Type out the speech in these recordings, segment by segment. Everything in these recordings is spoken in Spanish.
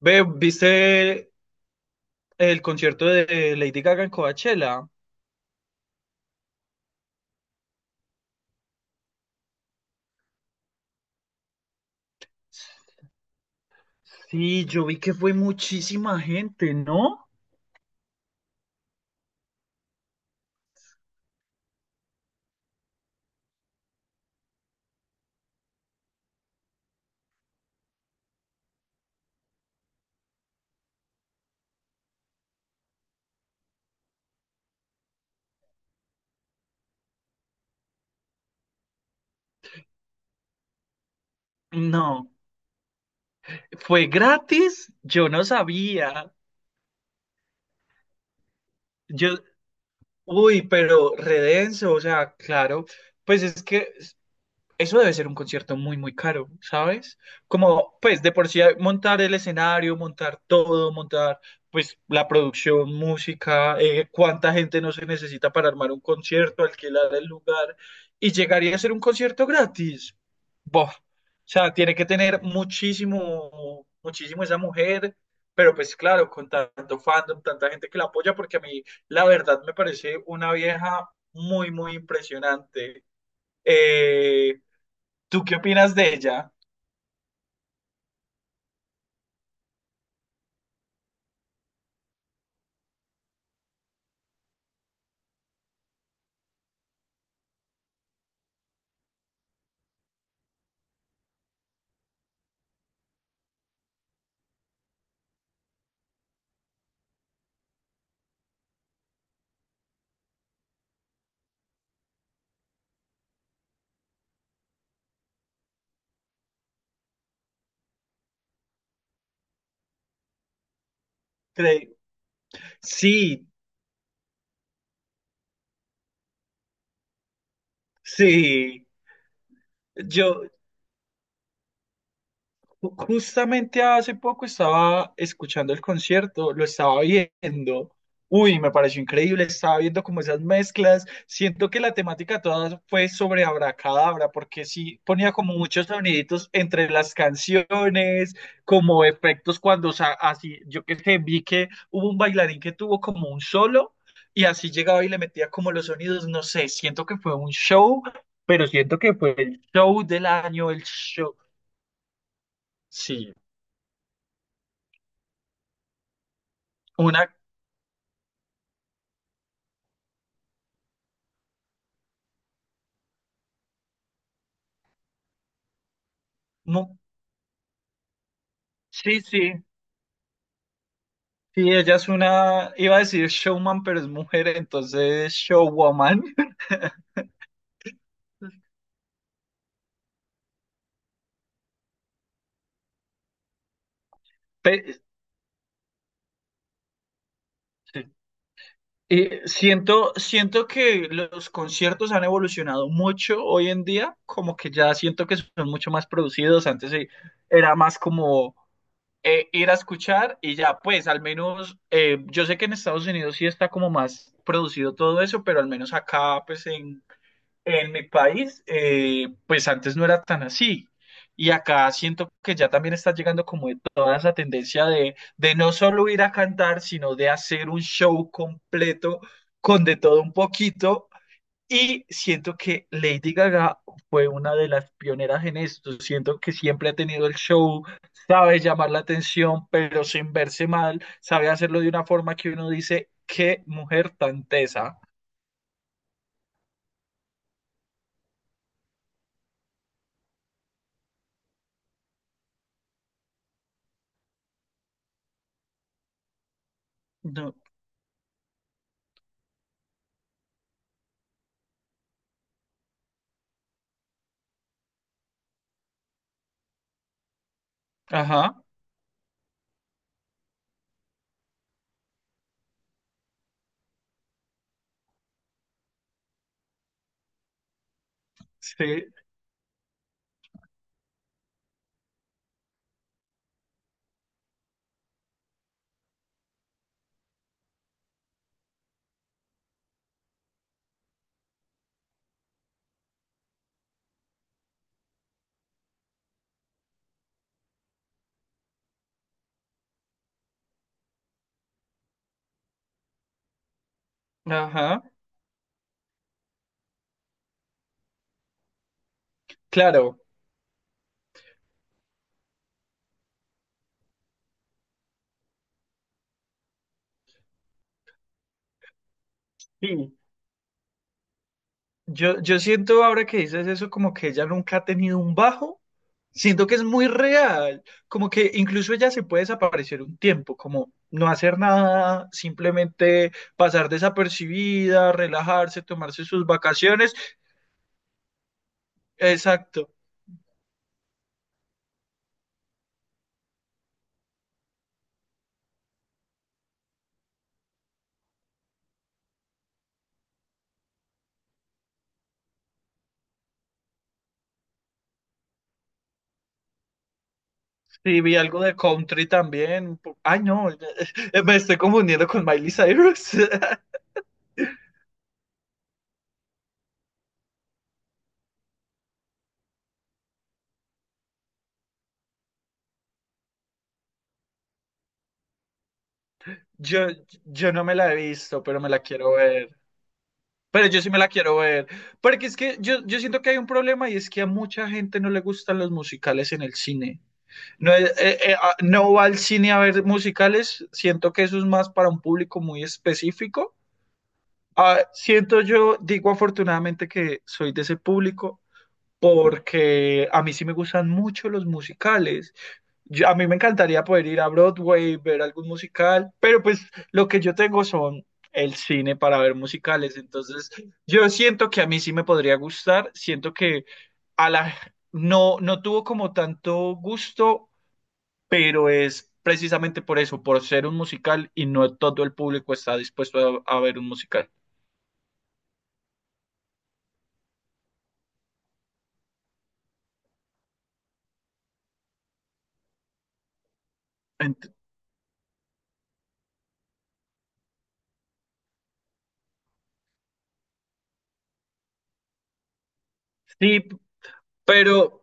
Ve, ¿viste el concierto de Lady Gaga en Coachella? Sí, yo vi que fue muchísima gente, ¿no? No, fue gratis, yo no sabía. Yo, uy, pero redenso, o sea, claro, pues es que eso debe ser un concierto muy, muy caro, ¿sabes? Como, pues, de por sí montar el escenario, montar todo, montar, pues, la producción, música, cuánta gente no se necesita para armar un concierto, alquilar el lugar, y llegaría a ser un concierto gratis. Bof. O sea, tiene que tener muchísimo, muchísimo esa mujer, pero pues claro, con tanto fandom, tanta gente que la apoya, porque a mí, la verdad, me parece una vieja muy, muy impresionante. Eh, ¿Tú qué opinas de ella? Cre- Sí, sí. Yo, Justamente hace poco estaba escuchando el concierto, lo estaba viendo. Uy, me pareció increíble, estaba viendo como esas mezclas. Siento que la temática toda fue sobre Abracadabra, porque sí ponía como muchos soniditos entre las canciones, como efectos cuando, o sea, así, yo que sé, vi que hubo un bailarín que tuvo como un solo y así llegaba y le metía como los sonidos, no sé, siento que fue un show, pero siento que fue el show del año, el show, sí. Una No, sí, sí, sí, ella es una, iba a decir showman, pero es mujer, entonces showwoman. Pe- siento, siento que los conciertos han evolucionado mucho hoy en día, como que ya siento que son mucho más producidos. Antes era más como ir a escuchar y ya, pues al menos yo sé que en Estados Unidos sí está como más producido todo eso, pero al menos acá, pues en mi país, pues antes no era tan así. Y acá siento que ya también está llegando como de toda esa tendencia de no solo ir a cantar, sino de hacer un show completo con de todo un poquito. Y siento que Lady Gaga fue una de las pioneras en esto. Siento que siempre ha tenido el show, sabe llamar la atención, pero sin verse mal, sabe hacerlo de una forma que uno dice, qué mujer tan tesa. No. Ajá, sí, ajá. Claro, sí. Yo siento ahora que dices eso como que ella nunca ha tenido un bajo. Siento que es muy real, como que incluso ella se puede desaparecer un tiempo, como no hacer nada, simplemente pasar desapercibida, relajarse, tomarse sus vacaciones. Exacto. Sí, vi algo de country también. Ay, no, me estoy confundiendo con Miley Cyrus. Yo, yo no me la he visto, pero me la quiero ver. Pero yo sí me la quiero ver. Porque es que yo siento que hay un problema y es que a mucha gente no le gustan los musicales en el cine. No, no va al cine a ver musicales. Siento que eso es más para un público muy específico. Ah, siento yo, digo afortunadamente que soy de ese público porque a mí sí me gustan mucho los musicales a mí me encantaría poder ir a Broadway, ver algún musical, pero pues lo que yo tengo son el cine para ver musicales, entonces yo siento que a mí sí me podría gustar, siento que a la no tuvo como tanto gusto, pero es precisamente por eso, por ser un musical y no todo el público está dispuesto a ver un musical. Ent- sí, pero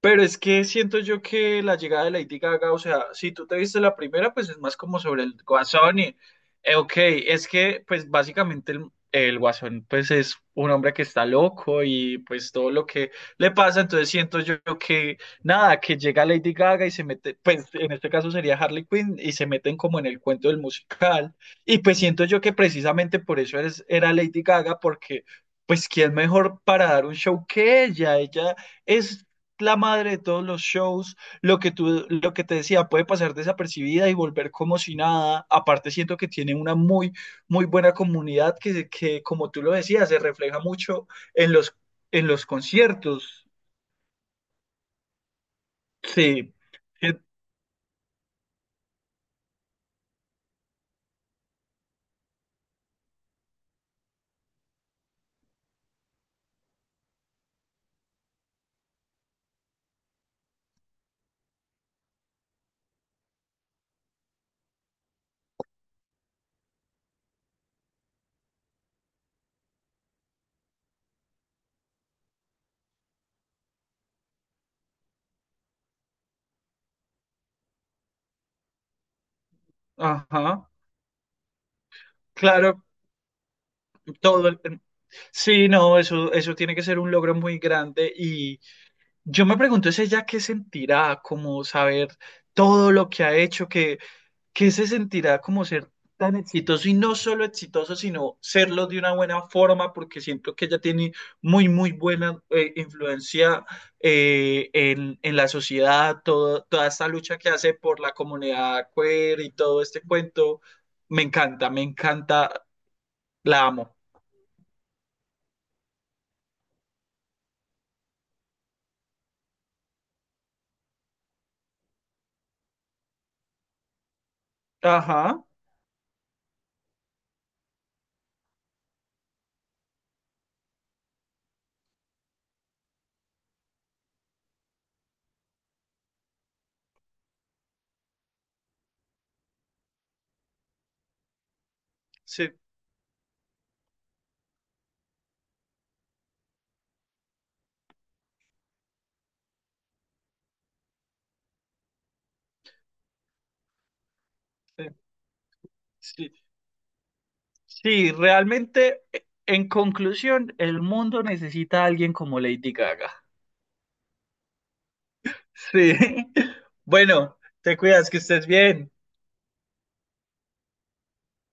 Pero es que siento yo que la llegada de Lady Gaga, o sea, si tú te viste la primera, pues es más como sobre el Guasón y, ok, es que pues básicamente el Guasón pues es un hombre que está loco y pues todo lo que le pasa, entonces siento yo que nada, que llega Lady Gaga y se mete, pues en este caso sería Harley Quinn y se meten como en el cuento del musical y pues siento yo que precisamente por eso era Lady Gaga porque... Pues, ¿quién mejor para dar un show que ella? Ella es la madre de todos los shows, lo que tú, lo que te decía, puede pasar desapercibida y volver como si nada. Aparte, siento que tiene una muy, muy buena comunidad que, que como tú lo decías, se refleja mucho en los, en los conciertos. Sí, Eh, ajá, claro, todo el- sí, no, eso tiene que ser un logro muy grande y yo me pregunto es ella qué sentirá, como saber todo lo que ha hecho, que ¿qué se sentirá como ser tan exitoso y no solo exitoso, sino serlo de una buena forma? Porque siento que ella tiene muy, muy buena influencia en la sociedad, toda esta lucha que hace por la comunidad queer y todo este cuento. Me encanta, la amo. Ajá, sí, sí, sí, sí, realmente, en conclusión, el mundo necesita a alguien como Lady Gaga. Sí. Bueno, te cuidas, que estés bien.